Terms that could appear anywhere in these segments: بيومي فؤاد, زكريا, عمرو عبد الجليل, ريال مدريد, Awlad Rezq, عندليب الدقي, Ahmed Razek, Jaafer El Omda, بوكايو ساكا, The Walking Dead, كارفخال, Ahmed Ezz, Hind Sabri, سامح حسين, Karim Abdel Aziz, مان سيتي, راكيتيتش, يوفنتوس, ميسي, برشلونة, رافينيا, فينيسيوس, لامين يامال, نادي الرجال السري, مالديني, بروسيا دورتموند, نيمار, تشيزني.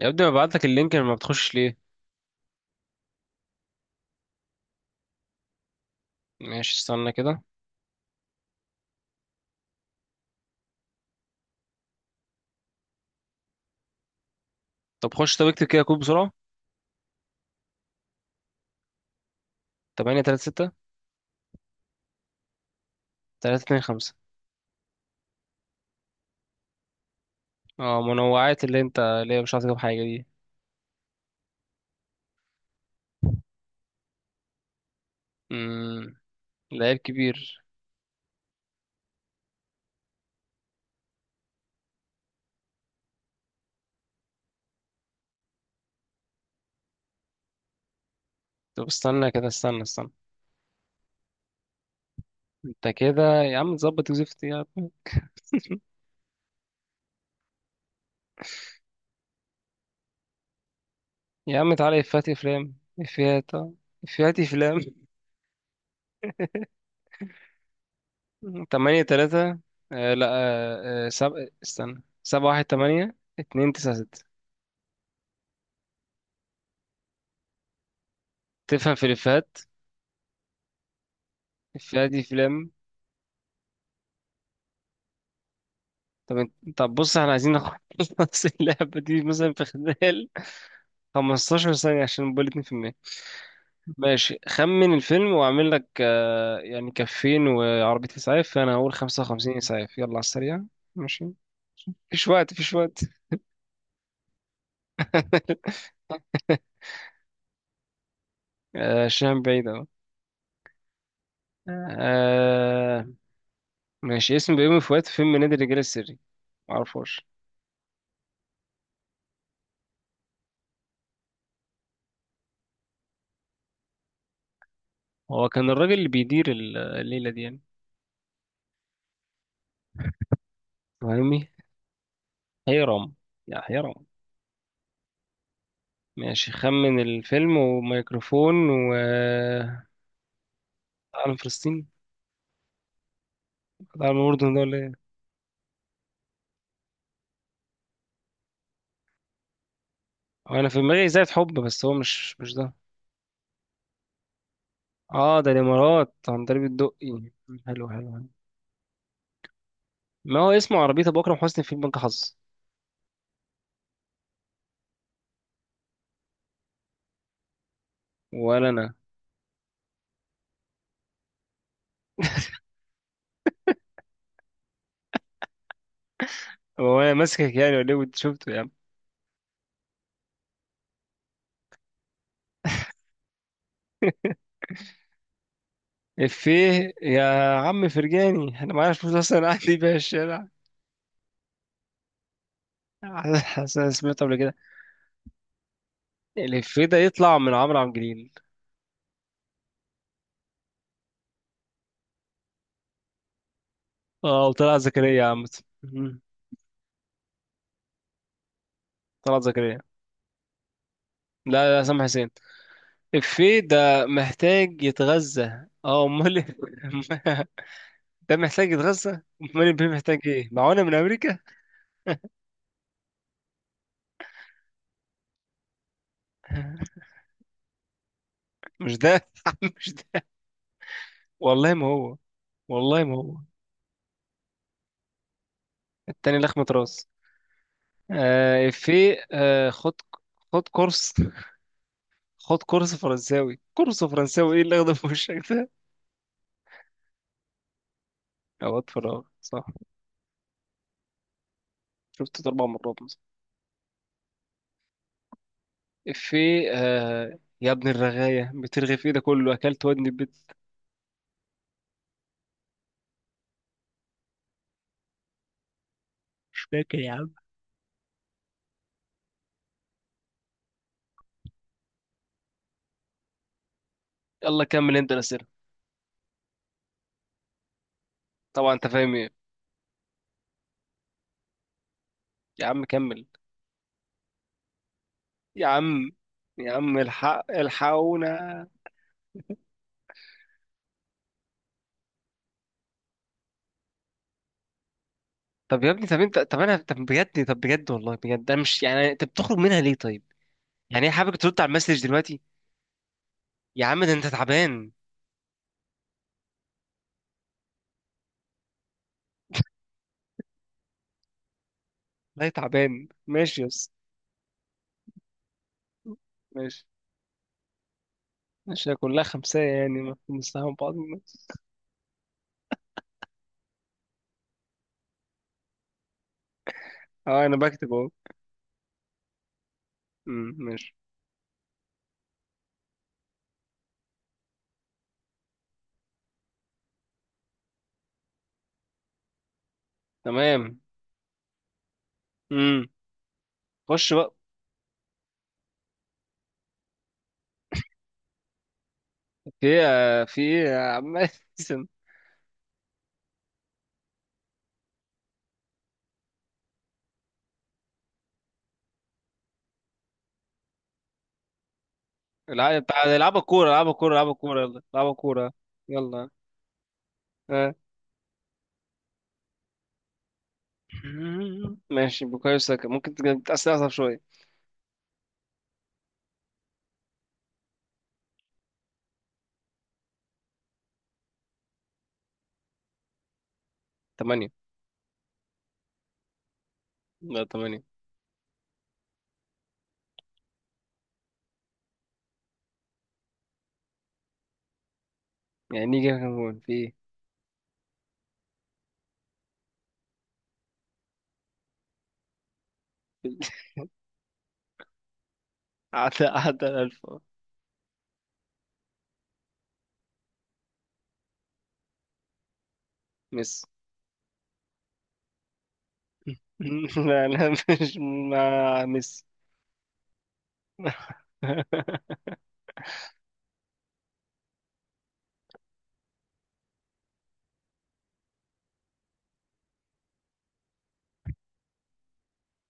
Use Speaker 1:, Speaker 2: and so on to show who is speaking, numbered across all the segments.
Speaker 1: يا ابني ببعت لك اللينك لما بتخش ليه. ماشي، استنى كده. طب خش، طب اكتب كده كود بسرعة. 8 3 6 3 2 5. اه، منوعات اللي انت اللي هي مش عارف تجيب حاجة دي. امم ده عيب كبير. طب استنى كده، استنى. انت كده يا عم تظبط وزفت يا عم. يا عم تعالى، افات افلام، افيات اه. افيات افلام. 8 3. آه لا آه آه، سب... استنى، 7 1 8 2 9 6. تفهم في الافيهات؟ افيهات افلام. طب بص، احنا عايزين نخلص اللعبة دي مثلا في خلال 15 ثانية عشان نبقى 2%. ماشي، خمن الفيلم واعمل لك يعني كفين وعربية اسعاف، فانا هقول 55 اسعاف، يلا على السريع. ماشي، مفيش وقت، مفيش وقت. شام بعيد اهو. آه، ماشي. اسم بيومي فؤاد في فيلم نادي الرجال السري، معرفوش. هو كان الراجل اللي بيدير الليلة دي يعني، فاهمني؟ حيرام. يا حيرام. ماشي، خمن الفيلم، وميكروفون و عالم فلسطين. عالم الأردن ده ولا ايه؟ هو انا في دماغي زي حب، بس هو مش ده. اه ده الامارات، عندليب الدقي. حلو حلو حلو. ما هو اسمه، عربية ابو اكرم حسني في بنك حظ. ولا انا. هو انا ماسكك يعني ولا ايه، وانت شفته يا عم؟ افيه. يا عم فرجاني، انا معايا فلوس اصلا قاعد دي بيها الشارع. حاسس أنا سمعته قبل كده. الافيه ده يطلع من عمرو عبد الجليل. اه وطلع زكريا يا عم. مم. طلعت زكريا. لا، سامح حسين. الفيه ده محتاج يتغذى، اه امال إيه؟ ده محتاج يتغذى. امال البيه محتاج ايه، معونه من امريكا؟ مش ده مش ده. والله ما هو. والله ما هو. التاني لخمة راس. في خد، خد كورس، خد كورس فرنساوي، كورس فرنساوي ايه اللي اخده في وشك ده؟ اوقات فراغ، صح. شفته اربع مرات مثلا. في يا ابن الرغاية، بترغي في ايه ده كله، اكلت ودني البيت. مش فاكر يا عم. يلا كمل انت الاسئله. طبعا انت فاهم ايه. يا عم كمل. يا عم، يا عم الحق الحقونا. طب يا ابني، طب انت، طب انا، طب بجد، طب بجد، والله بجد انا مش، يعني انت بتخرج منها ليه طيب؟ يعني ايه، حابب ترد على المسج دلوقتي؟ يا عم ده انت تعبان. لا تعبان، ماشي يس. ماشي. ماشي، هي كلها خمسة، يعني ما بنستحمل بعض الناس. اه انا بكتب اهو. ماشي، تمام. امم خش بقى. في ايه، في ايه يا عم؟ اسم. العب العب، العبوا كورة، العبوا كورة، العبوا كورة، يلا العبوا كورة. يلا. آه. ماشي بوكايو ساكا، ممكن تأثر أصعب شوية. تمانية. لا تمانية. يعني نيجي كان جول في إيه؟ عدى الألف أه. ميسي. لا أنا مش مع ميسي.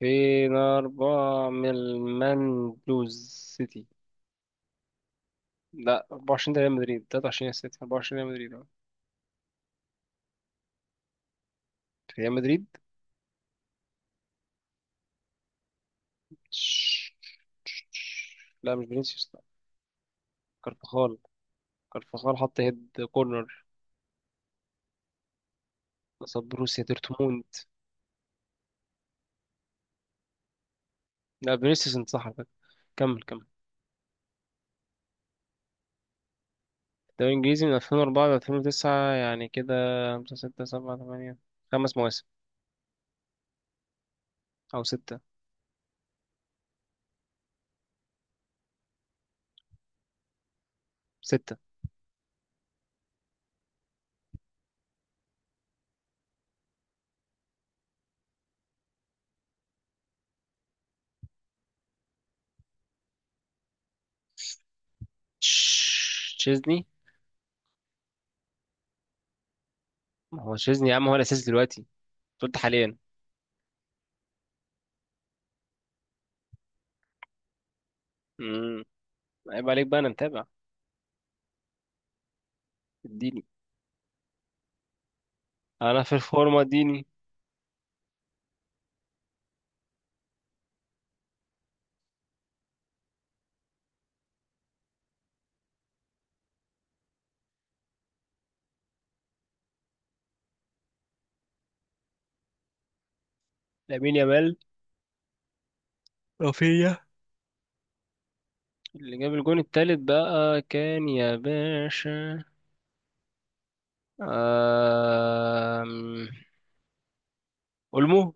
Speaker 1: فين أربعة من المان بلوز سيتي. لا 24 ده ريال مدريد، 23 سيتي، 24 ريال مدريد أه. ريال مدريد. لا مش فينيسيوس لا. كارفخال. كارفخال حط هيد كورنر قصاد بروسيا دورتموند. لا فينيسيوس، انت صح على فكرة. كمل. الدوري الإنجليزي من 2004 ل 2009 يعني كده، خمسة ستة سبعة تمانية. خمس مواسم، أو ستة. ستة. تشيزني. ما هو تشيزني يا عم، هو الأساس دلوقتي، أنت قلت حاليا. امم عيب عليك بقى، أنا متابع. اديني، أنا في الفورمة اديني. لامين يامال. رافينيا. اللي جاب الجون التالت بقى كان يا باشا، آم... أولمو.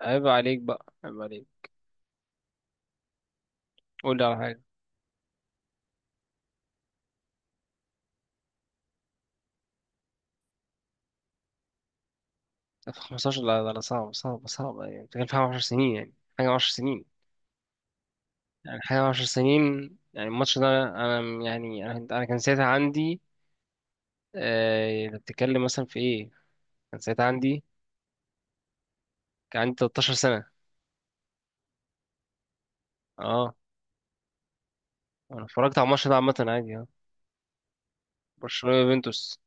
Speaker 1: عيب عليك بقى، عيب عليك. قول لي على حاجة. في 15، لا، صعب يعني بتتكلم في حاجة 10 سنين يعني، حاجة 10 سنين، يعني حاجة 10 سنين. يعني الماتش ده أنا، يعني أنا كان ساعتها عندي، أنت بتتكلم مثلا في إيه؟ كان ساعتها عندي، كان عندي 13 سنة. أه. أنا اتفرجت على الماتش ده عامة عادي أه. برشلونة يوفنتوس.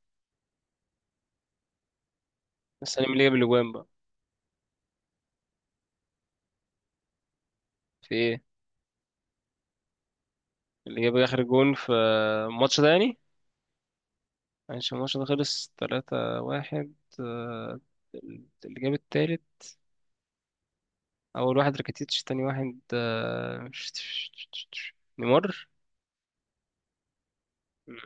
Speaker 1: بس أنا مين اللي جاب الأجوان بقى في إيه؟ اللي جاب آخر جون في الماتش ده يعني؟ معلش الماتش ده خلص 3-1. آه، اللي جاب التالت، اول واحد راكيتيتش، تاني واحد نيمار. مم.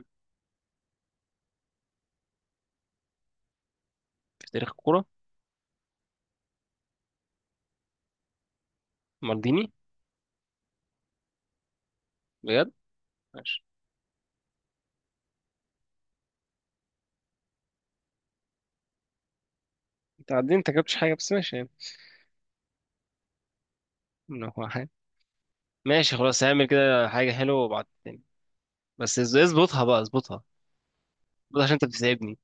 Speaker 1: في تاريخ الكوره، مالديني. بجد. ماشي. انت عدين انت جبتش حاجه بس، ماشي يعني. إنه هو حاجة. ماشي خلاص، هعمل كده حاجه حلوه وبعد تاني. بس اظبطها بقى، اظبطها. اظبطها عشان انت بتساعدني.